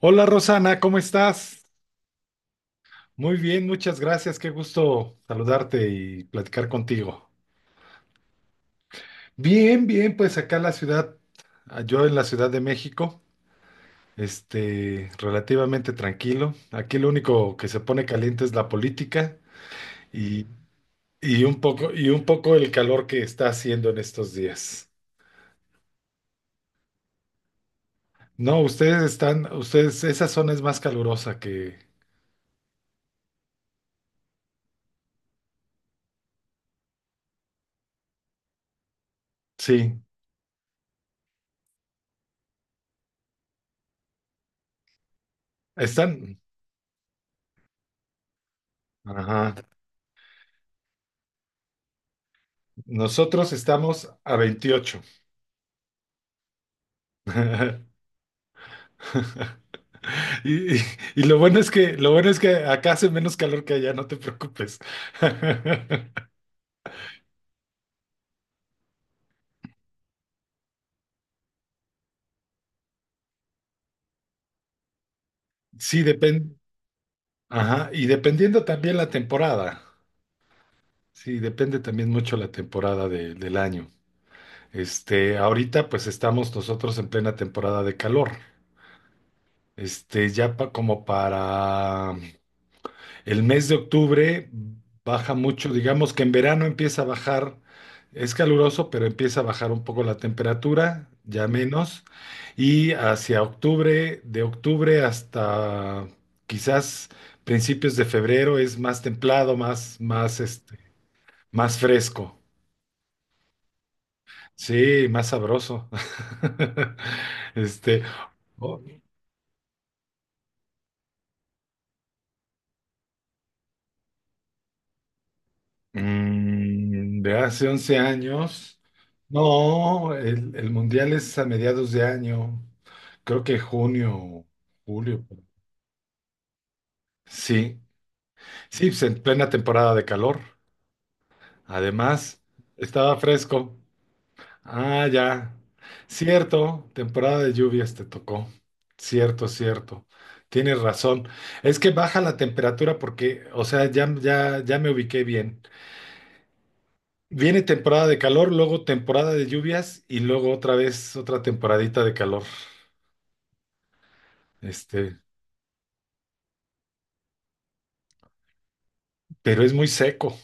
Hola Rosana, ¿cómo estás? Muy bien, muchas gracias, qué gusto saludarte y platicar contigo. Bien, bien, pues acá en la ciudad, yo en la Ciudad de México, relativamente tranquilo. Aquí lo único que se pone caliente es la política y, y un poco el calor que está haciendo en estos días. No, ustedes están, esa zona es más calurosa que, sí, están, ajá, nosotros estamos a 28. Y, y- y lo bueno es que acá hace menos calor que allá, no te preocupes. Sí, depende. Ajá, y dependiendo también la temporada. Sí, depende también mucho la temporada del año. Ahorita pues estamos nosotros en plena temporada de calor. Como para el mes de octubre baja mucho, digamos que en verano empieza a bajar, es caluroso, pero empieza a bajar un poco la temperatura, ya menos, y hacia octubre, de octubre hasta quizás principios de febrero es más templado, más fresco, sí, más sabroso. Este, o- de hace 11 años. No, el mundial es a mediados de año. Creo que junio, julio. Sí, sí, pues en plena temporada de calor. Además, estaba fresco. Ah, ya. Cierto, temporada de lluvias te tocó. Cierto, cierto. Tienes razón. Es que baja la temperatura porque, o sea, ya, ya, ya me ubiqué bien. Viene temporada de calor, luego temporada de lluvias y luego otra vez otra temporadita de calor. Este, pero es muy seco,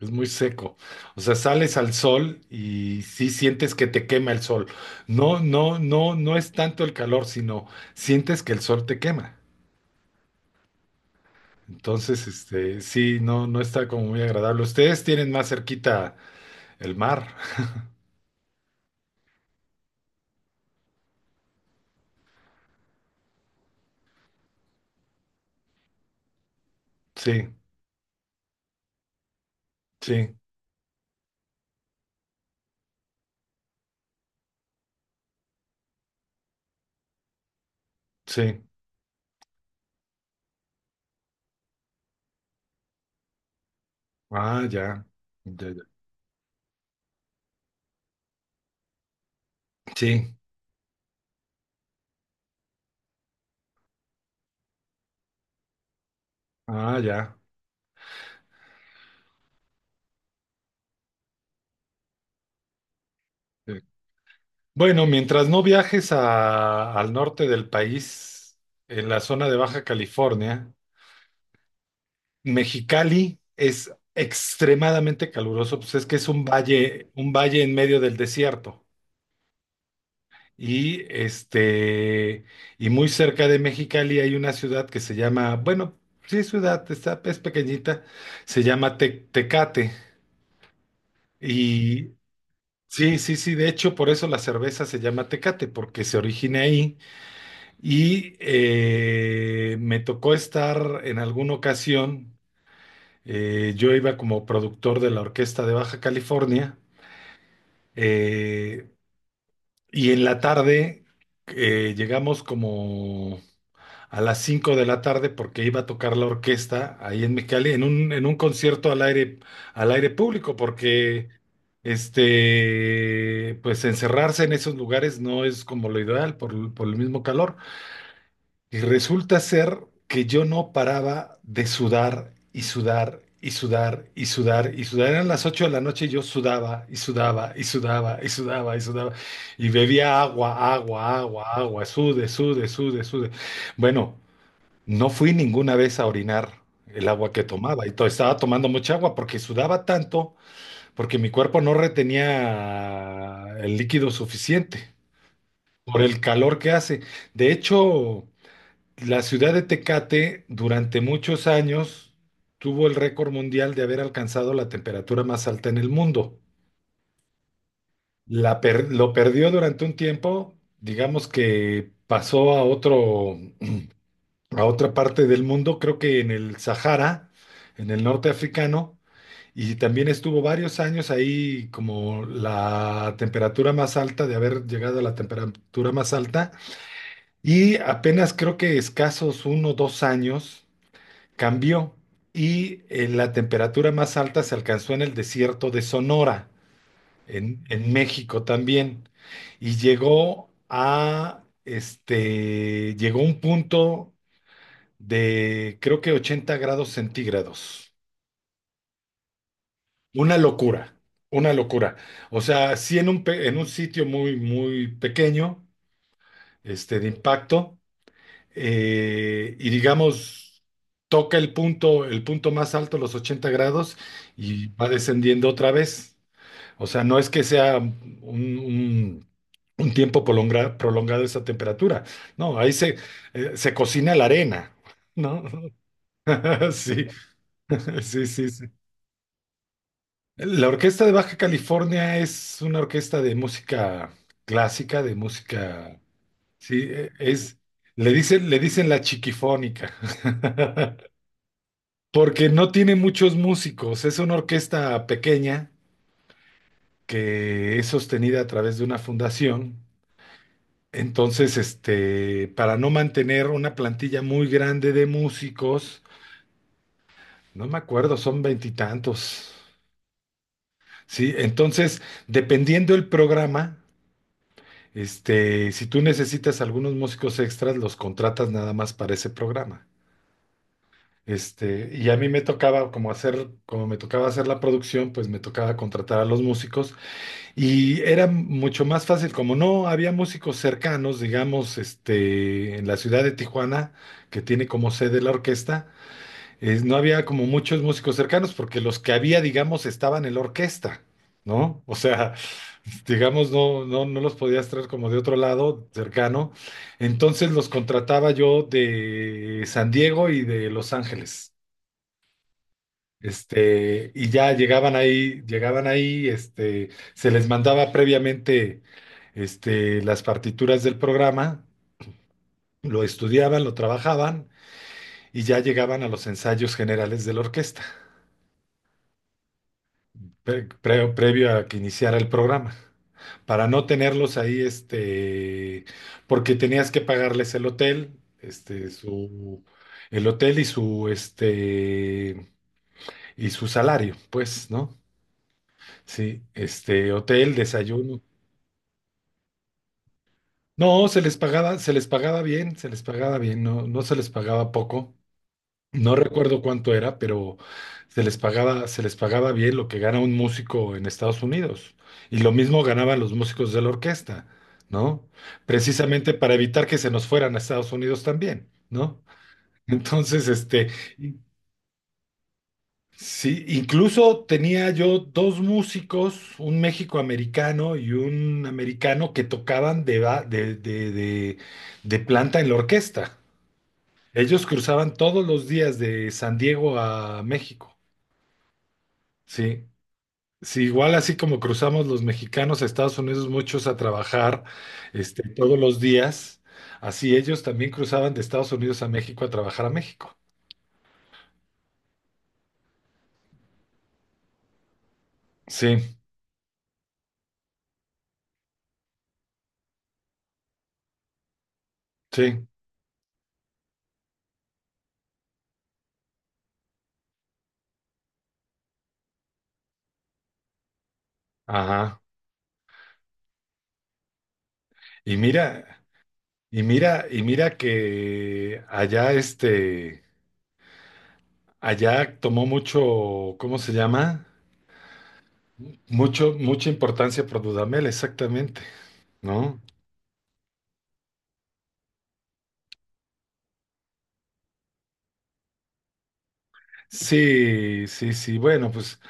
es muy seco. O sea, sales al sol y sí sientes que te quema el sol. No, no, no, no es tanto el calor, sino sientes que el sol te quema. Entonces, sí, no, no está como muy agradable. Ustedes tienen más cerquita el mar. Sí, sí, sí. Ah, ya. Ya, ya. Sí. Ah, ya. Sí. Bueno, mientras no viajes al norte del país, en la zona de Baja California, Mexicali es extremadamente caluroso, pues es que es un valle en medio del desierto. Y este, y muy cerca de Mexicali hay una ciudad que se llama, bueno, sí es ciudad, está, es pequeñita, se llama Tecate. Y sí, sí, sí, de hecho, por eso la cerveza se llama Tecate, porque se origina ahí. Y me tocó estar en alguna ocasión, yo iba como productor de la Orquesta de Baja California, eh, y en la tarde llegamos como a las 5 de la tarde porque iba a tocar la orquesta ahí en Mexicali, en un concierto al aire público, porque pues encerrarse en esos lugares no es como lo ideal por el mismo calor. Y resulta ser que yo no paraba de sudar y sudar y sudar y sudar y sudar. Eran las 8 de la noche y yo sudaba y sudaba y sudaba y sudaba y sudaba. Y bebía agua, agua, agua, agua. Sude, sude, sude, sude. Bueno, no fui ninguna vez a orinar el agua que tomaba. Estaba tomando mucha agua porque sudaba tanto, porque mi cuerpo no retenía el líquido suficiente por el calor que hace. De hecho, la ciudad de Tecate durante muchos años tuvo el récord mundial de haber alcanzado la temperatura más alta en el mundo. Lo perdió durante un tiempo, digamos que pasó a otro, a otra parte del mundo, creo que en el Sahara, en el norte africano, y también estuvo varios años ahí como la temperatura más alta, de haber llegado a la temperatura más alta, y apenas creo que escasos 1 o 2 años cambió y la temperatura más alta se alcanzó en el desierto de Sonora, en México también, y llegó a un punto de creo que 80 grados centígrados. Una locura, una locura. O sea, sí en un sitio muy, muy pequeño, de impacto. Y digamos, toca el punto más alto, los 80 grados, y va descendiendo otra vez. O sea, no es que sea un tiempo prolongado esa temperatura. No, ahí se cocina la arena, ¿no? Sí, sí, sí, sí. La Orquesta de Baja California es una orquesta de música clásica, de música, sí, es, le dicen la chiquifónica. Porque no tiene muchos músicos, es una orquesta pequeña que es sostenida a través de una fundación. Entonces, para no mantener una plantilla muy grande de músicos, no me acuerdo, son veintitantos. Sí, entonces, dependiendo el programa, si tú necesitas algunos músicos extras, los contratas nada más para ese programa. A mí me tocaba, como me tocaba hacer la producción, pues me tocaba contratar a los músicos. Y era mucho más fácil, como no había músicos cercanos, digamos, en la ciudad de Tijuana, que tiene como sede la orquesta, no había como muchos músicos cercanos, porque los que había, digamos, estaban en la orquesta, ¿no? O sea, digamos, no, no, no los podías traer como de otro lado, cercano. Entonces los contrataba yo de San Diego y de Los Ángeles. Y ya llegaban ahí, se les mandaba previamente, las partituras del programa, lo estudiaban, lo trabajaban y ya llegaban a los ensayos generales de la orquesta, previo a que iniciara el programa, para no tenerlos ahí, porque tenías que pagarles el hotel, el hotel y su salario, pues, ¿no? Sí, hotel, desayuno. No, se les pagaba bien, se les pagaba bien, no, no se les pagaba poco. No recuerdo cuánto era, pero se les pagaba bien lo que gana un músico en Estados Unidos. Y lo mismo ganaban los músicos de la orquesta, ¿no? Precisamente para evitar que se nos fueran a Estados Unidos también, ¿no? Entonces, y Sí, incluso tenía yo dos músicos, un méxico-americano y un americano que tocaban de, ba- de planta en la orquesta. Ellos cruzaban todos los días de San Diego a México. Sí, sí, igual así como cruzamos los mexicanos a Estados Unidos muchos a trabajar, todos los días, así ellos también cruzaban de Estados Unidos a México a trabajar a México. Sí, sí, ajá. Y mira, Y mira, y mira que allá tomó mucho, ¿cómo se llama? Mucha importancia por Dudamel, exactamente, ¿no? Sí, sí, sí. Bueno, pues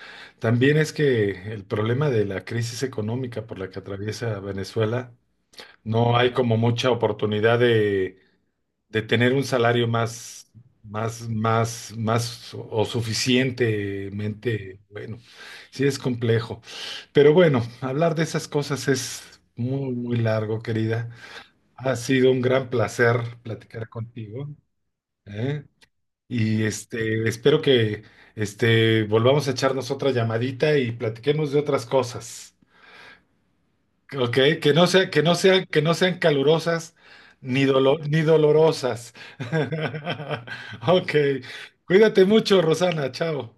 también es que el problema de la crisis económica por la que atraviesa Venezuela, no hay como mucha oportunidad de tener un salario más o suficientemente bueno. Sí es complejo. Pero bueno, hablar de esas cosas es muy, muy largo, querida. Ha sido un gran placer platicar contigo, ¿eh? Y espero que volvamos a echarnos otra llamadita y platiquemos de otras cosas. Ok, que no sea, que no sean calurosas ni dolorosas. Ok, cuídate mucho, Rosana, chao.